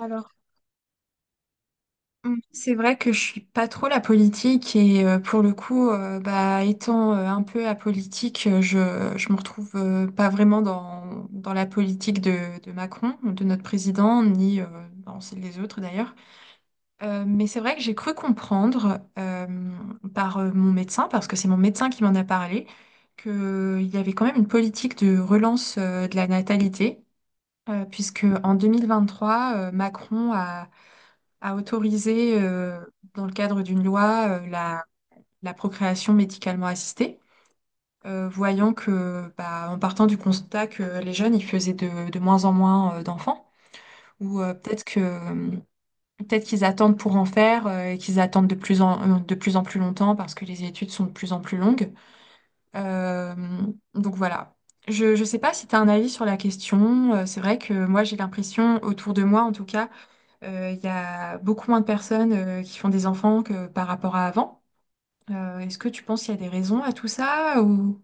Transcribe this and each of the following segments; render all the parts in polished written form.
Alors, c'est vrai que je suis pas trop la politique et pour le coup, bah, étant un peu apolitique, je me retrouve pas vraiment dans la politique de Macron, de notre président, ni dans celle des autres d'ailleurs. Mais c'est vrai que j'ai cru comprendre par mon médecin, parce que c'est mon médecin qui m'en a parlé, qu'il y avait quand même une politique de relance de la natalité, puisque en 2023, Macron a à autoriser, dans le cadre d'une loi, la procréation médicalement assistée, voyant que, bah, en partant du constat que les jeunes, ils faisaient de moins en moins, d'enfants, ou peut-être qu'ils attendent pour en faire, et qu'ils attendent de plus en plus longtemps parce que les études sont de plus en plus longues. Euh, donc voilà. Je ne sais pas si tu as un avis sur la question. C'est vrai que moi, j'ai l'impression, autour de moi en tout cas, il y a beaucoup moins de personnes qui font des enfants que par rapport à avant. Est-ce que tu penses qu'il y a des raisons à tout ça ou...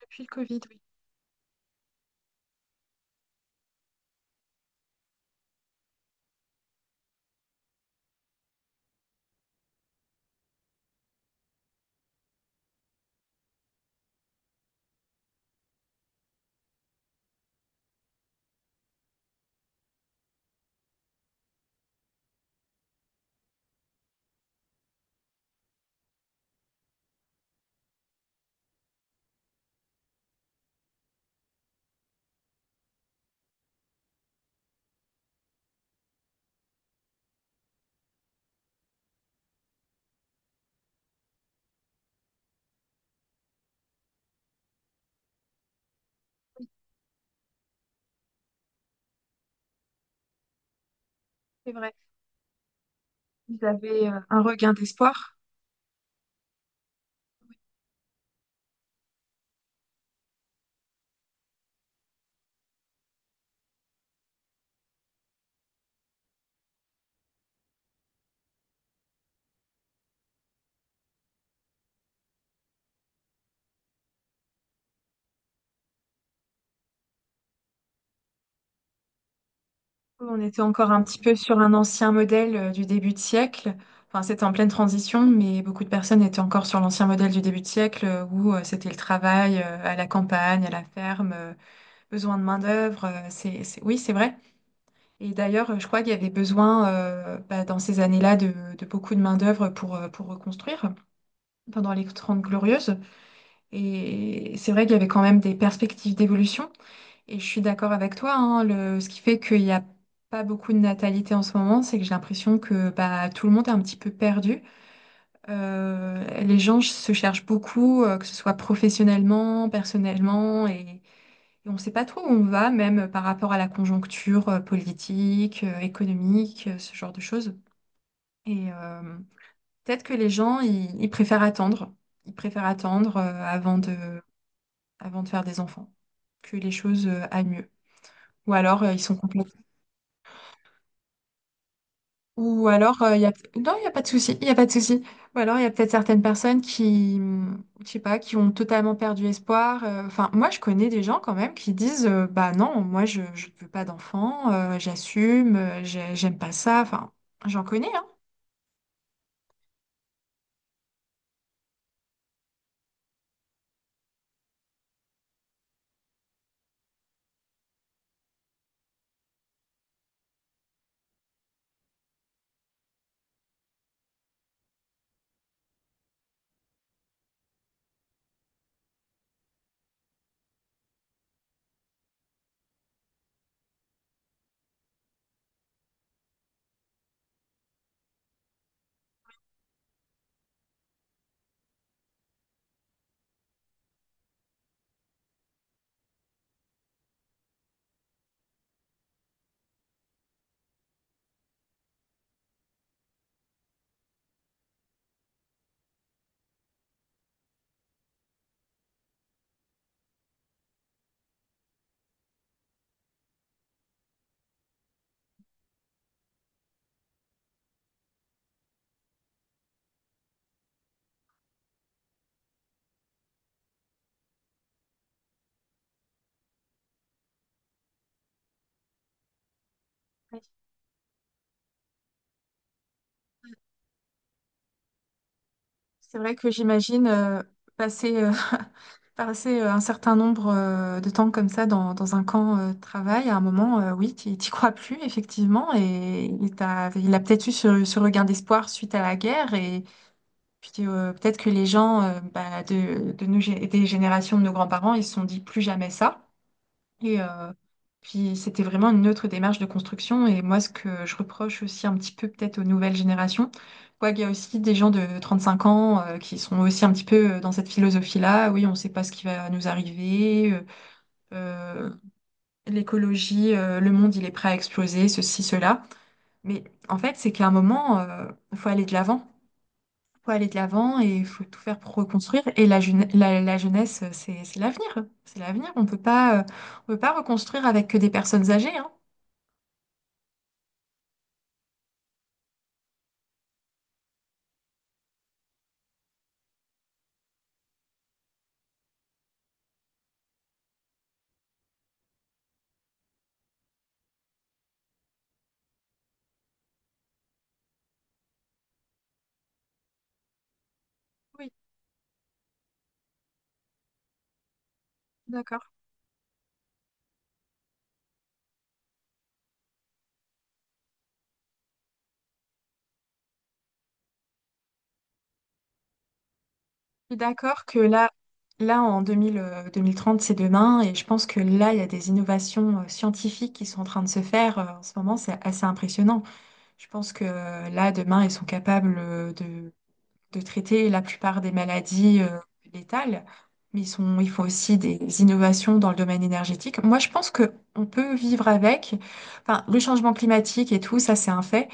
Depuis le Covid, oui, c'est vrai. Ils avaient un regain d'espoir. On était encore un petit peu sur un ancien modèle du début de siècle. Enfin, c'était en pleine transition, mais beaucoup de personnes étaient encore sur l'ancien modèle du début de siècle, où c'était le travail à la campagne, à la ferme, besoin de main-d'œuvre. Oui, c'est vrai. Et d'ailleurs, je crois qu'il y avait besoin, bah, dans ces années-là de beaucoup de main-d'œuvre pour reconstruire pendant les Trente Glorieuses. Et c'est vrai qu'il y avait quand même des perspectives d'évolution. Et je suis d'accord avec toi, hein, ce qui fait qu'il n'y a pas beaucoup de natalité en ce moment, c'est que j'ai l'impression que bah, tout le monde est un petit peu perdu. Les gens se cherchent beaucoup, que ce soit professionnellement, personnellement, et on ne sait pas trop où on va, même par rapport à la conjoncture politique, économique, ce genre de choses. Et peut-être que les gens, ils préfèrent attendre. Ils préfèrent attendre avant de faire des enfants, que les choses aillent mieux. Ou alors, ils sont complètement. Ou alors, il y a... Non, il n'y a pas de souci, il y a pas de souci. Ou alors, il y a peut-être certaines personnes qui, je sais pas, qui ont totalement perdu espoir. Enfin, moi, je connais des gens quand même qui disent, bah non, moi, je ne veux pas d'enfant, j'assume, j'aime pas ça. Enfin, j'en connais, hein. C'est vrai que j'imagine passer, passer un certain nombre de temps comme ça dans un camp de travail, à un moment, oui, tu t'y crois plus, effectivement, et il a peut-être eu ce regard d'espoir suite à la guerre, et puis peut-être que les gens, bah, de des générations de nos grands-parents, ils se sont dit plus jamais ça. Et puis c'était vraiment une autre démarche de construction. Et moi, ce que je reproche aussi un petit peu peut-être aux nouvelles générations, quoi qu'il y a aussi des gens de 35 ans qui sont aussi un petit peu dans cette philosophie-là. Oui, on ne sait pas ce qui va nous arriver. Euh, l'écologie, le monde, il est prêt à exploser, ceci, cela. Mais en fait, c'est qu'à un moment, il faut aller de l'avant et il faut tout faire pour reconstruire. Et la jeunesse, c'est l'avenir. C'est l'avenir. On peut pas reconstruire avec que des personnes âgées, hein. Oui, d'accord. Je suis d'accord que là, en 2000, 2030, c'est demain. Et je pense que là, il y a des innovations scientifiques qui sont en train de se faire. En ce moment, c'est assez impressionnant. Je pense que là, demain, ils sont capables de traiter la plupart des maladies létales, mais il faut aussi des innovations dans le domaine énergétique. Moi, je pense que on peut vivre avec. Enfin, le changement climatique et tout, ça, c'est un fait.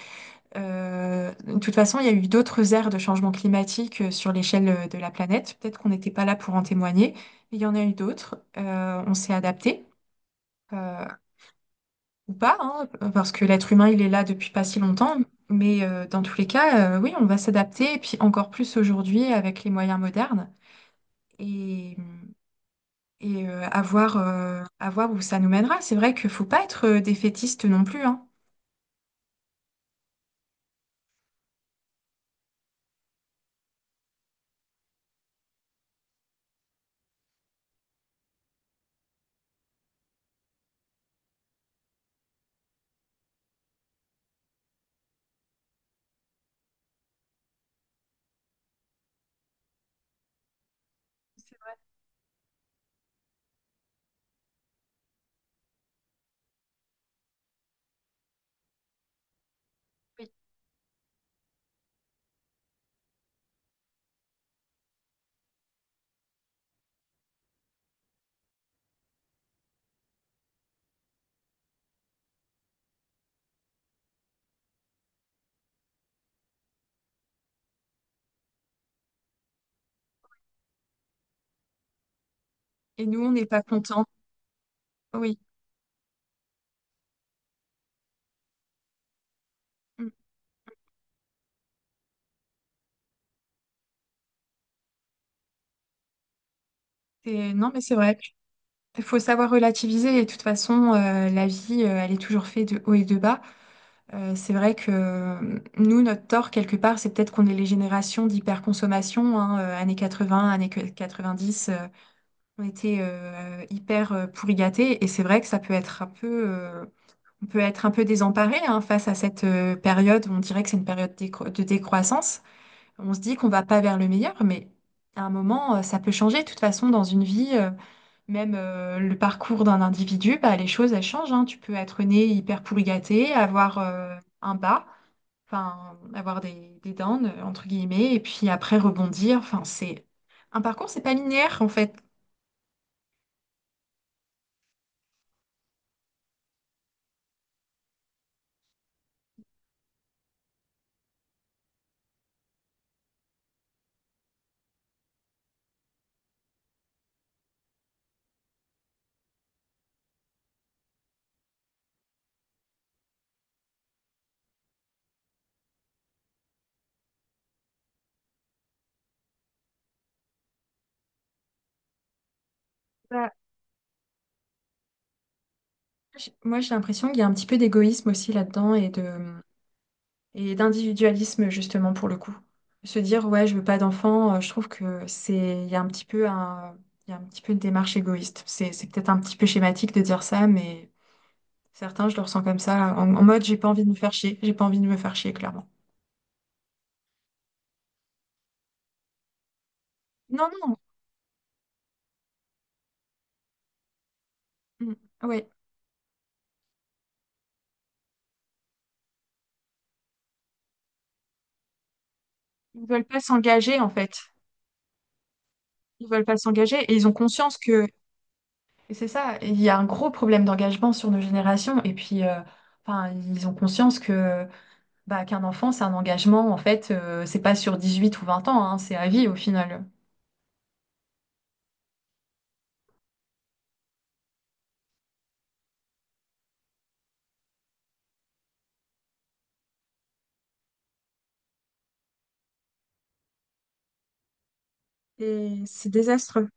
De toute façon, il y a eu d'autres ères de changement climatique sur l'échelle de la planète. Peut-être qu'on n'était pas là pour en témoigner, mais il y en a eu d'autres. On s'est adapté. Euh, ou pas, hein, parce que l'être humain, il est là depuis pas si longtemps. Mais dans tous les cas, oui, on va s'adapter, et puis encore plus aujourd'hui avec les moyens modernes, et, et à voir où ça nous mènera. C'est vrai qu'il faut pas être défaitiste non plus, hein. C'est vrai. Oui. Et nous, on n'est pas contents. Oui. Mm. Non, mais c'est vrai. Il faut savoir relativiser. Et de toute façon, la vie, elle est toujours faite de haut et de bas. C'est vrai que nous, notre tort, quelque part, c'est peut-être qu'on est les générations d'hyperconsommation, hein, années 80, années dix on était hyper pourri gâtés, et c'est vrai que ça peut être un peu, on peut être un peu désemparé hein, face à cette période où on dirait que c'est une période de décroissance. On se dit qu'on va pas vers le meilleur, mais à un moment, ça peut changer. De toute façon, dans une vie, même le parcours d'un individu, bah, les choses, elles changent, hein. Tu peux être né hyper pourri gâté, avoir un bas, enfin, avoir des downs, entre guillemets, et puis après rebondir. Enfin, c'est un parcours, c'est pas linéaire en fait. Bah, moi, j'ai l'impression qu'il y a un petit peu d'égoïsme aussi là-dedans et d'individualisme justement pour le coup. Se dire, ouais, je veux pas d'enfant, je trouve que c'est, il y a un petit peu un, il y a un petit peu une démarche égoïste. C'est peut-être un petit peu schématique de dire ça, mais certains, je le ressens comme ça, en mode, j'ai pas envie de me faire chier, j'ai pas envie de me faire chier, clairement. Non, non, mm, ouais, ils veulent pas s'engager en fait. Ils veulent pas s'engager et ils ont conscience que et c'est ça, il y a un gros problème d'engagement sur nos générations et puis enfin ils ont conscience que bah qu'un enfant c'est un engagement en fait, c'est pas sur 18 ou 20 ans hein, c'est à vie au final. Et c'est désastreux.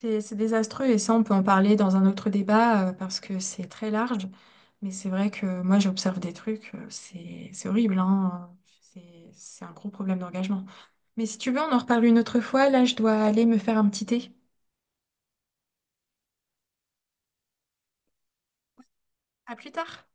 C'est désastreux et ça on peut en parler dans un autre débat, parce que c'est très large mais c'est vrai que moi j'observe des trucs, c'est horrible hein. C'est un gros problème d'engagement. Mais si tu veux on en reparle une autre fois, là je dois aller me faire un petit thé. À plus tard.